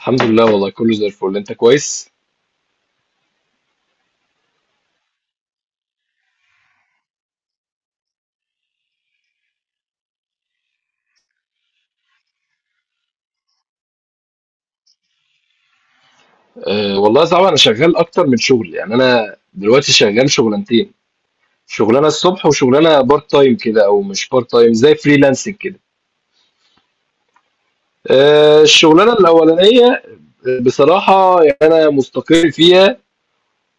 الحمد لله، والله كله زي الفل. انت كويس؟ أه، والله طبعا انا شغال اكتر من شغل، يعني انا دلوقتي شغال شغلانتين: شغلانه الصبح وشغلانه بارت تايم كده، او مش بارت تايم، زي فريلانسنج كده. أه، الشغلانه الاولانيه بصراحه يعني انا مستقر فيها،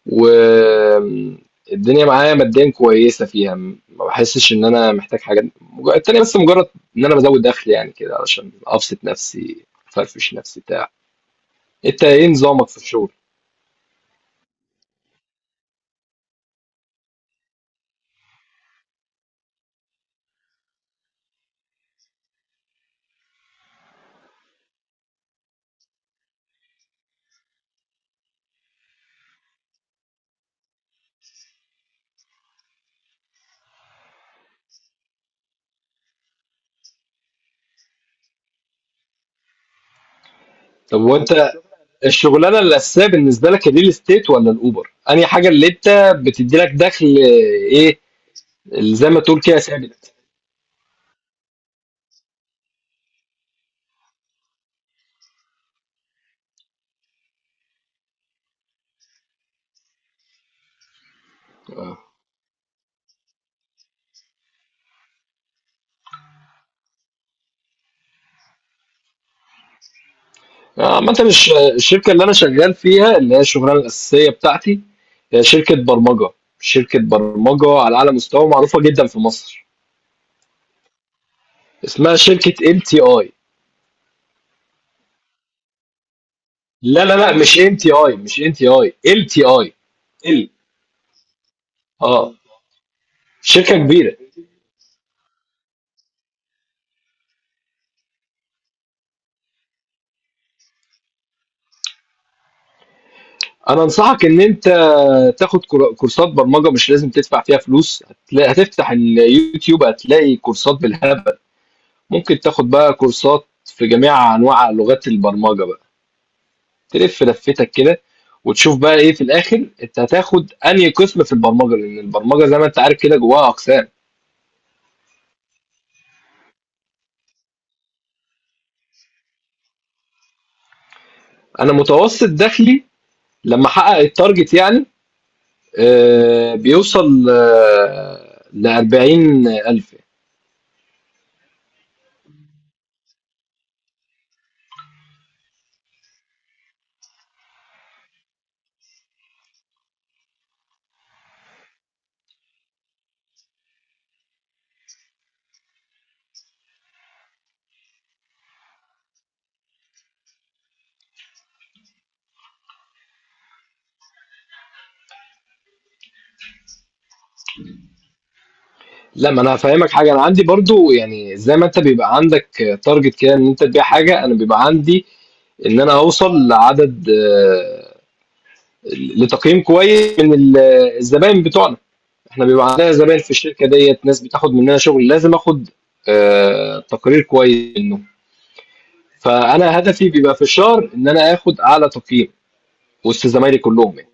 والدنيا معايا ماديا كويسه فيها. ما بحسش ان انا محتاج حاجه التانيه، بس مجرد ان انا بزود دخل يعني كده علشان ابسط نفسي افرفش نفسي بتاع. انت ايه نظامك في الشغل؟ طب وانت الشغلانه الاساسيه بالنسبه لك الريل استيت ولا الاوبر؟ انهي حاجه اللي انت بتدي لك دخل؟ ايه اللي زي ما تقول كده ثابت؟ اه. عامه الشركه اللي انا شغال فيها اللي هي الشغلانه الاساسيه بتاعتي هي شركه برمجه، شركه برمجه على اعلى مستوى، معروفه جدا في مصر، اسمها شركه LTI. لا لا لا، مش MTI، مش MTI، LTI. ال، اه، شركه كبيره. أنا أنصحك إن أنت تاخد كورسات برمجة، مش لازم تدفع فيها فلوس، هتفتح اليوتيوب هتلاقي كورسات بالهبل، ممكن تاخد بقى كورسات في جميع أنواع لغات البرمجة بقى، تلف لفتك كده وتشوف بقى إيه في الآخر أنت هتاخد أنهي قسم في البرمجة، لأن البرمجة زي ما أنت عارف كده جواها أقسام. أنا متوسط دخلي لما أحقق التارجت يعني بيوصل، ل ل40,000. لا، ما انا هافهمك حاجه. انا عندي برضو، يعني زي ما انت بيبقى عندك تارجت كده ان انت تبيع حاجه، انا بيبقى عندي ان انا اوصل لعدد، لتقييم كويس من الزباين بتوعنا. احنا بيبقى عندنا زباين في الشركه ديت، ناس بتاخد مننا شغل، لازم اخد تقرير كويس منه. فانا هدفي بيبقى في الشهر ان انا اخد اعلى تقييم وسط زمايلي كلهم يعني.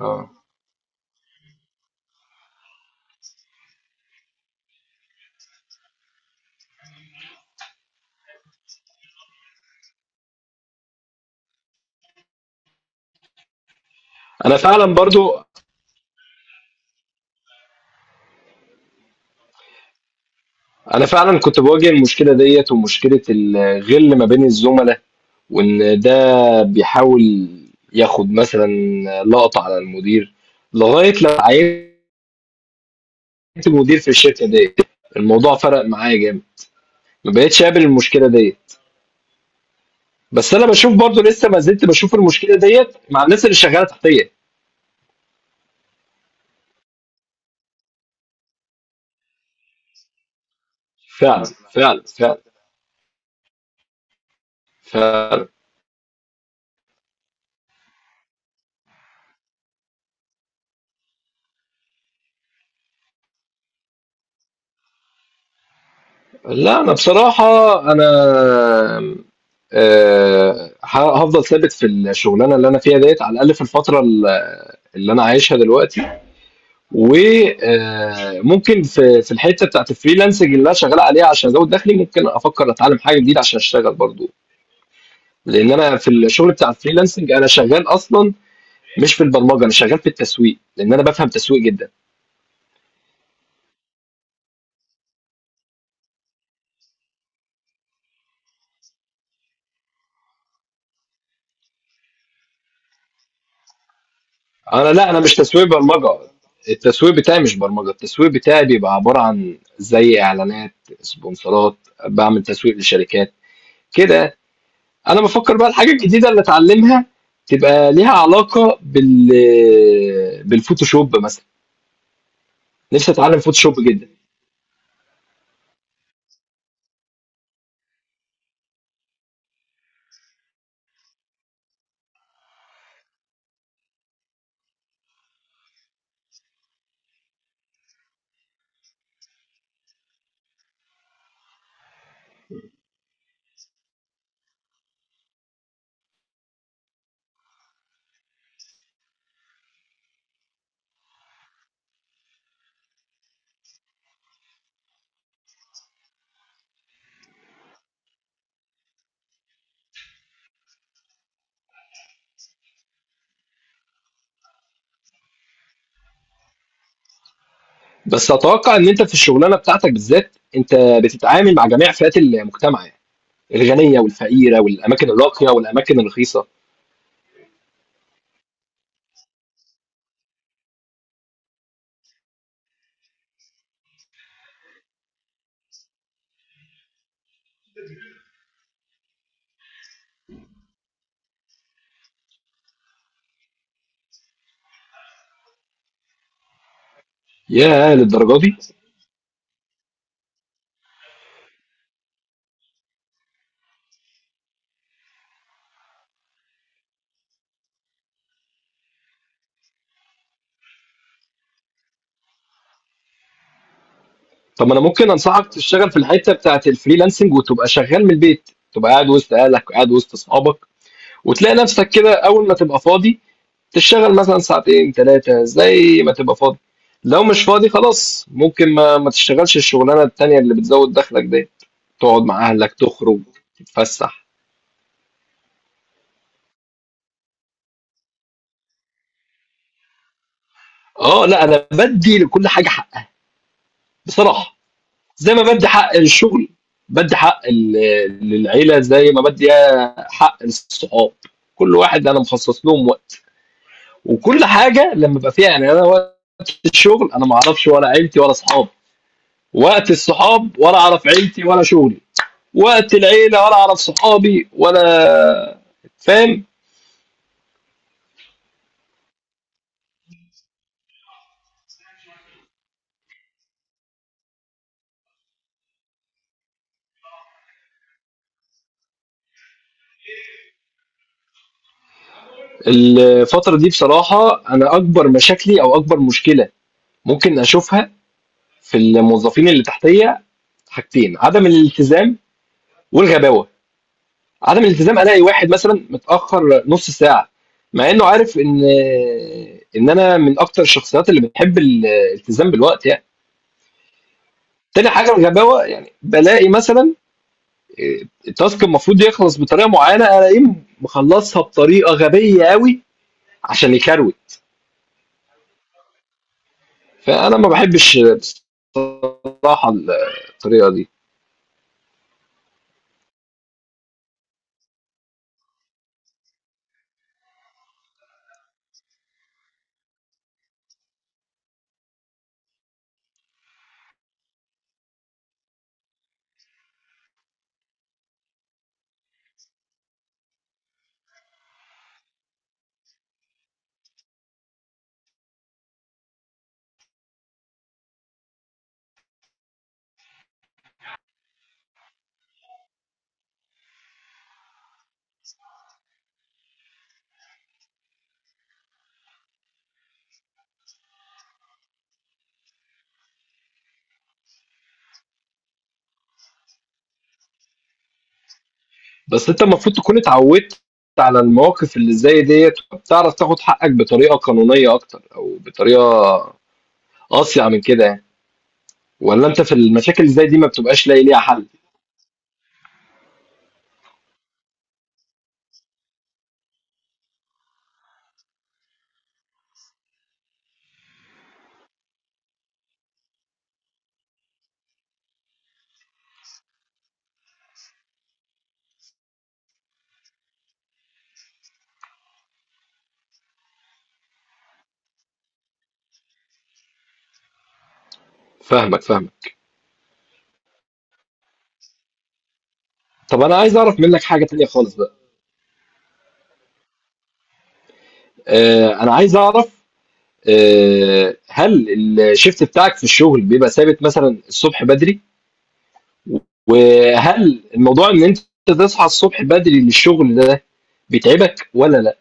اه، انا فعلا برضو. انا فعلا كنت بواجه المشكله ديت، ومشكله الغل ما بين الزملاء، وان بيحاول ياخد مثلًا لقطة على المدير، لغاية لمّا عينت مدير في الشركة ديّة، الموضوع فرق معايا جامد، ما بقيتش أقابل المشكلة ديّة. بس أنا باشوف برضه لسه ما زلت باشوف المشكلة ديّة مع الناس اللي شغّالة تحتيّا. فعلًا، فعلًا، فعلًا. فعلًا. لأ، أنا بصراحة أنا ه هافضل ثابت في الشغلانة اللي أنا فيها ديّة، على الأقل في الفترة اللي أنا عايشها دلوقتي. وممكن في الحته بتاعت الفريلانسنج اللي انا شغال عليها عشان ازود دخلي، ممكن افكر اتعلم حاجه جديده عشان اشتغل برضو، لان انا في الشغل بتاع الفريلانسنج انا شغال اصلا مش في البرمجه. انا شغال في التسويق لان انا بفهم تسويق جدا. لا، انا مش تسويق برمجه. التسويق بتاعي مش برمجه، التسويق بتاعي بيبقى عباره عن زي اعلانات، سبونسرات، بعمل تسويق لشركات كده. انا بفكر بقى الحاجه الجديده اللي اتعلمها تبقى ليها علاقه بالفوتوشوب مثلا. نفسي اتعلم فوتوشوب جدا. بس اتوقع ان انت في الشغلانه بتاعتك بالذات انت بتتعامل مع جميع فئات المجتمع، يعني الغنيه والفقيره، والاماكن الراقيه والاماكن الرخيصه. يا للدرجه دي. طب ما انا ممكن انصحك تشتغل في الحته بتاعت الفريلانسنج وتبقى شغال من البيت، تبقى قاعد وسط اهلك، قاعد وسط اصحابك، وتلاقي نفسك كده اول ما تبقى فاضي تشتغل مثلا ساعتين ثلاثه زي ما تبقى فاضي. لو مش فاضي خلاص ممكن ما تشتغلش الشغلانه التانيه اللي بتزود دخلك دي، تقعد مع اهلك، تخرج، تتفسح. اه لا، انا بدي لكل حاجه حقها بصراحه. زي ما بدي حق الشغل، بدي حق للعيله، زي ما بدي حق الصحاب. كل واحد انا مخصص لهم وقت، وكل حاجه لما بقى فيها يعني. انا وقت الشغل انا ما اعرفش ولا عيلتي ولا صحابي، وقت الصحاب ولا اعرف عيلتي ولا شغلي، وقت العيله ولا اعرف صحابي ولا. فاهم؟ الفتره دي بصراحه انا اكبر مشاكلي او اكبر مشكله ممكن اشوفها في الموظفين اللي تحتيه حاجتين: عدم الالتزام والغباوه. عدم الالتزام، الاقي واحد مثلا متاخر نص ساعه، مع انه عارف ان انا من اكتر الشخصيات اللي بتحب الالتزام بالوقت يعني. تاني حاجه الغباوه، يعني بلاقي مثلا إيه، التاسك المفروض يخلص بطريقه معينه الاقيه مخلصها بطريقه غبيه قوي عشان يكروت. فانا ما بحبش بصراحه الطريقه دي. بس أنت المفروض تكون اتعودت على المواقف اللي زي ديّة، فبتعرف تاخد حقك بطريقة قانونية أكتر، أو بطريقة أصيع من كده يعني. والّا أنت في المشاكل اللي زي دي ما بتبقاش لاقي ليها حل؟ فاهمك، فاهمك. طب أنا عايز أعرف منّك حاجة تانية خالص بقى. أنا عايز أعرف، هل الShift بتاعك في الشغل بيبقى ثابت، مثلًا الصبح بدري؟ وهل الموضوع إن أنت تصحى الصبح بدري للشغل ده بيتعبك والّا لأ؟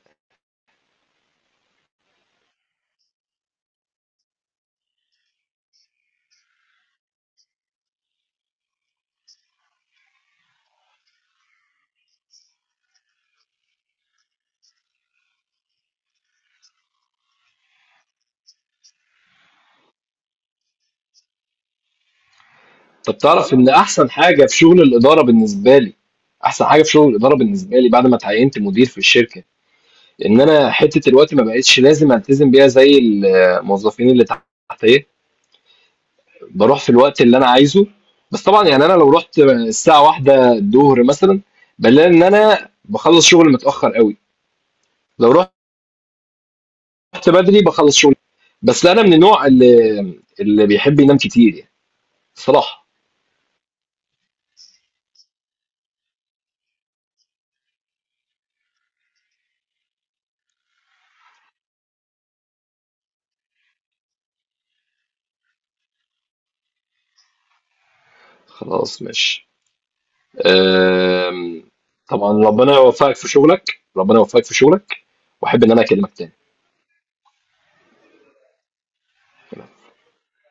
طب تعرف ان احسن حاجه في شغل الاداره بالنسبه لي، احسن حاجه في شغل الاداره بالنسبه لي بعد ما اتعينت مدير في الشركه، ان انا حته الوقت ما بقتش لازم التزم بيها زي الموظفين اللي تحتيه. بروح في الوقت اللي انا عايزه. بس طبعا يعني انا لو رحت الساعه واحدة الظهر مثلا بلاقي ان انا بخلص شغل متاخر قوي. لو رحت بدري بخلص شغل. بس انا من النوع اللي بيحب ينام كتير يعني بصراحه. خلاص ماشي. آم، طبعا ربنا يوفقك في شغلك. ربنا يوفقك في شغلك. واحب ان انا اكلمك تاني.